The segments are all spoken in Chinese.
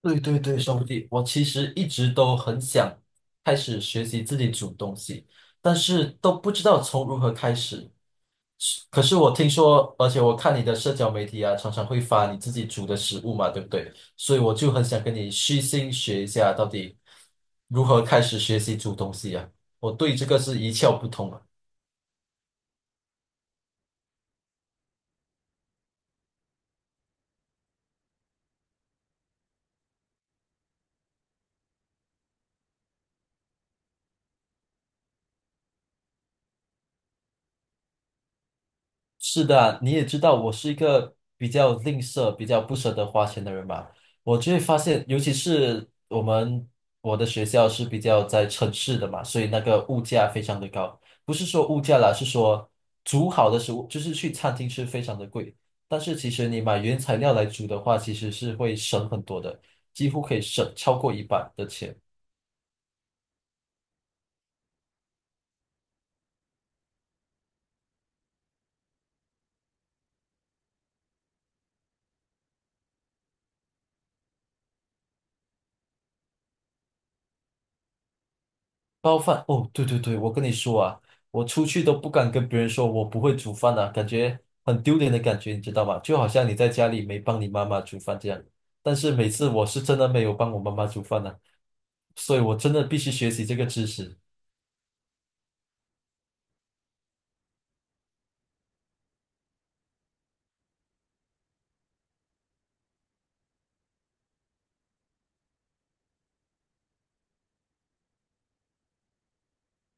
对对对，兄弟，我其实一直都很想开始学习自己煮东西，但是都不知道从如何开始。是可是我听说，而且我看你的社交媒体啊，常常会发你自己煮的食物嘛，对不对？所以我就很想跟你虚心学一下，到底如何开始学习煮东西啊？我对这个是一窍不通啊。是的啊，你也知道我是一个比较吝啬、比较不舍得花钱的人嘛。我就会发现，尤其是我的学校是比较在城市的嘛，所以那个物价非常的高。不是说物价啦，是说煮好的食物，就是去餐厅吃非常的贵。但是其实你买原材料来煮的话，其实是会省很多的，几乎可以省超过一半的钱。包饭哦，对对对，我跟你说啊，我出去都不敢跟别人说我不会煮饭啊，感觉很丢脸的感觉，你知道吗？就好像你在家里没帮你妈妈煮饭这样。但是每次我是真的没有帮我妈妈煮饭呢、所以我真的必须学习这个知识。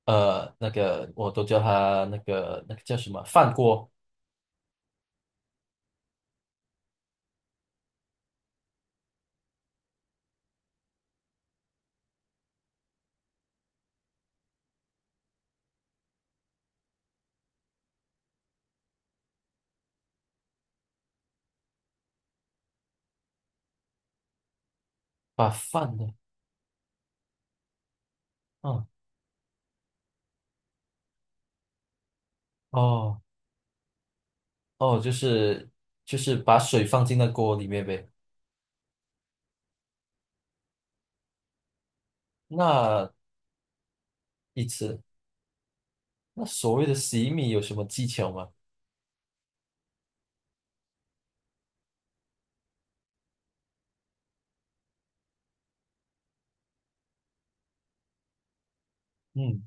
那个我都叫他那个叫什么饭锅。把饭的，嗯，哦哦，就是就是把水放进那锅里面呗。那一次，那所谓的洗米有什么技巧吗？嗯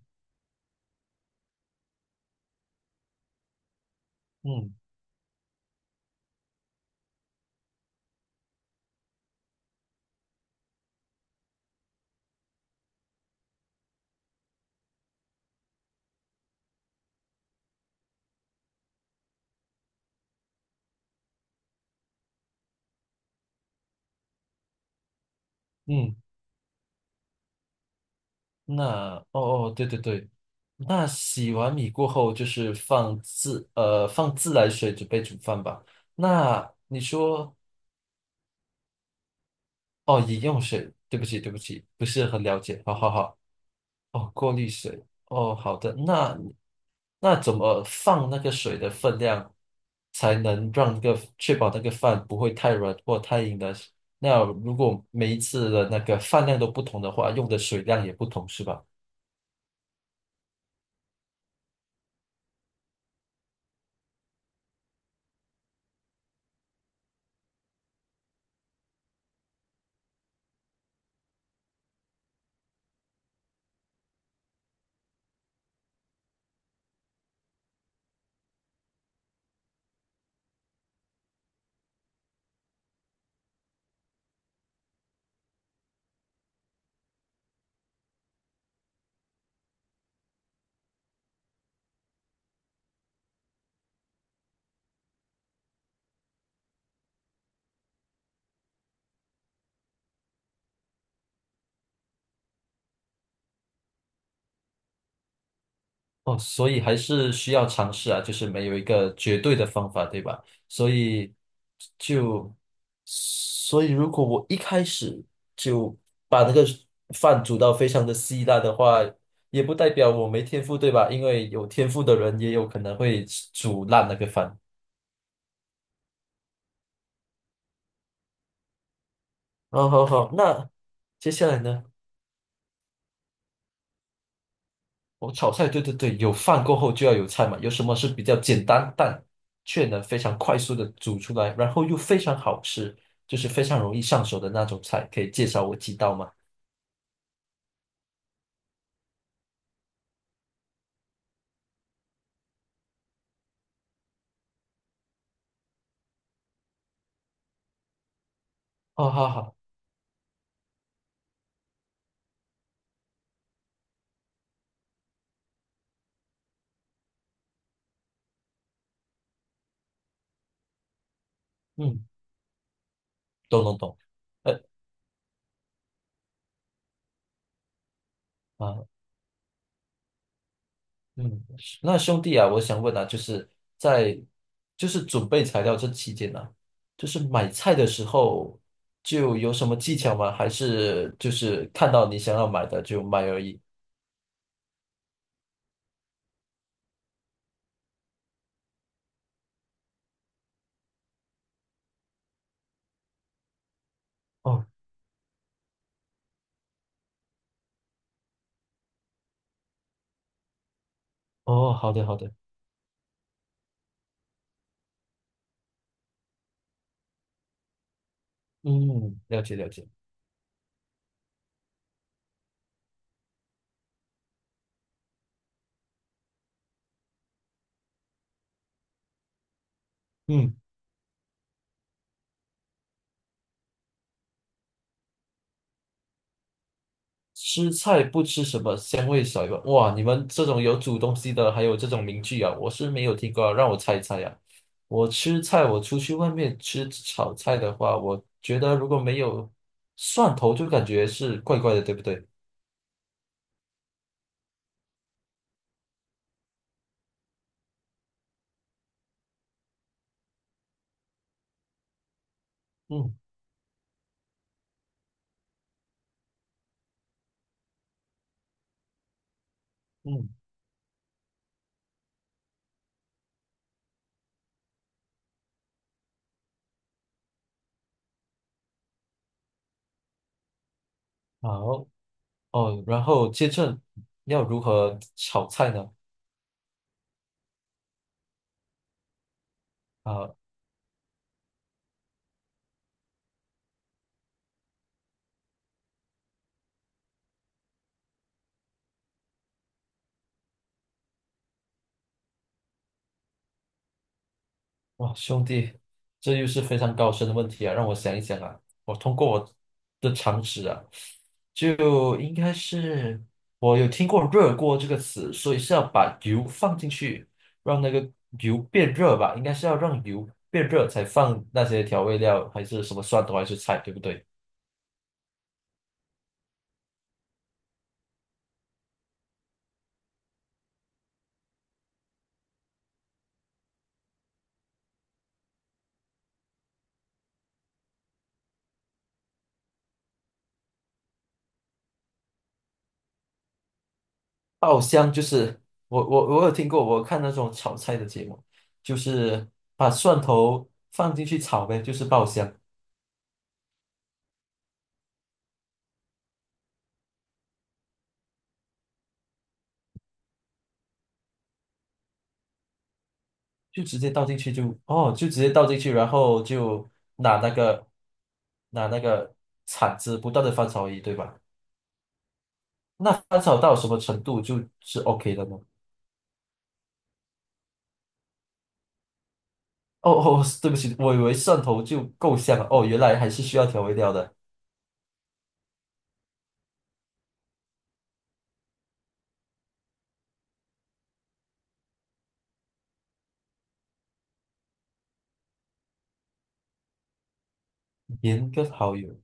嗯。嗯，那哦，对对对，那洗完米过后就是放自来水准备煮饭吧。那你说哦，饮用水，对不起对不起，不是很了解。好好好。哦，过滤水，哦，好的。那那怎么放那个水的分量，才能让那个确保那个饭不会太软或太硬的？那如果每一次的那个饭量都不同的话，用的水量也不同，是吧？哦，所以还是需要尝试啊，就是没有一个绝对的方法，对吧？所以就，所以如果我一开始就把那个饭煮到非常的稀烂的话，也不代表我没天赋，对吧？因为有天赋的人也有可能会煮烂那个饭。哦，好好，那接下来呢？我炒菜，对对对，有饭过后就要有菜嘛。有什么是比较简单但却能非常快速的煮出来，然后又非常好吃，就是非常容易上手的那种菜，可以介绍我几道吗？哦，好好，嗯，懂懂懂。呃啊，嗯，那兄弟啊，我想问啊，就是在就是准备材料这期间呢、啊，就是买菜的时候就有什么技巧吗？还是就是看到你想要买的就买而已？哦哦，好的好的。嗯，了解了解。嗯，吃菜不吃什么，香味少一半。哇，你们这种有煮东西的，还有这种名句啊，我是没有听过啊，让我猜一猜呀、我吃菜，我出去外面吃炒菜的话，我觉得如果没有蒜头，就感觉是怪怪的，对不对？嗯嗯，好哦，然后接着要如何炒菜呢？啊、哇，兄弟，这又是非常高深的问题啊！让我想一想啊，我通过我的常识啊，就应该是我有听过“热锅”这个词，所以是要把油放进去，让那个油变热吧？应该是要让油变热才放那些调味料，还是什么蒜头还是菜，对不对？爆香就是我有听过，我看那种炒菜的节目，就是把蒜头放进去炒呗，就是爆香。就直接倒进去就哦，就直接倒进去，然后就拿那个拿那个铲子不断的翻炒而已，对吧？那翻炒到什么程度就是 OK 的吗？哦哦，对不起，我以为蒜头就够香了，哦，原来还是需要调味料的，盐跟蚝油。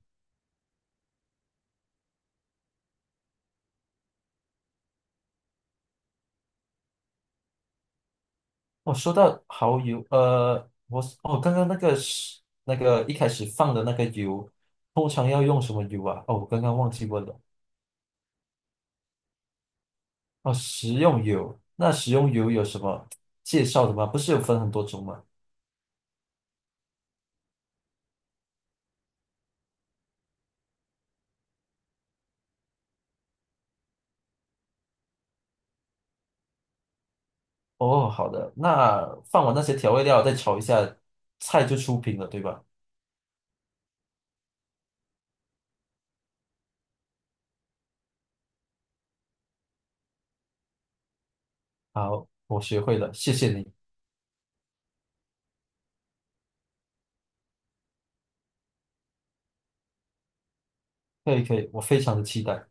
哦，说到蚝油，呃，刚刚那个是那个一开始放的那个油，通常要用什么油啊？哦，我刚刚忘记问了。哦，食用油，那食用油有什么介绍的吗？不是有分很多种吗？哦，好的，那放完那些调味料再炒一下，菜就出品了，对吧？好，我学会了，谢谢你。可以可以，我非常的期待。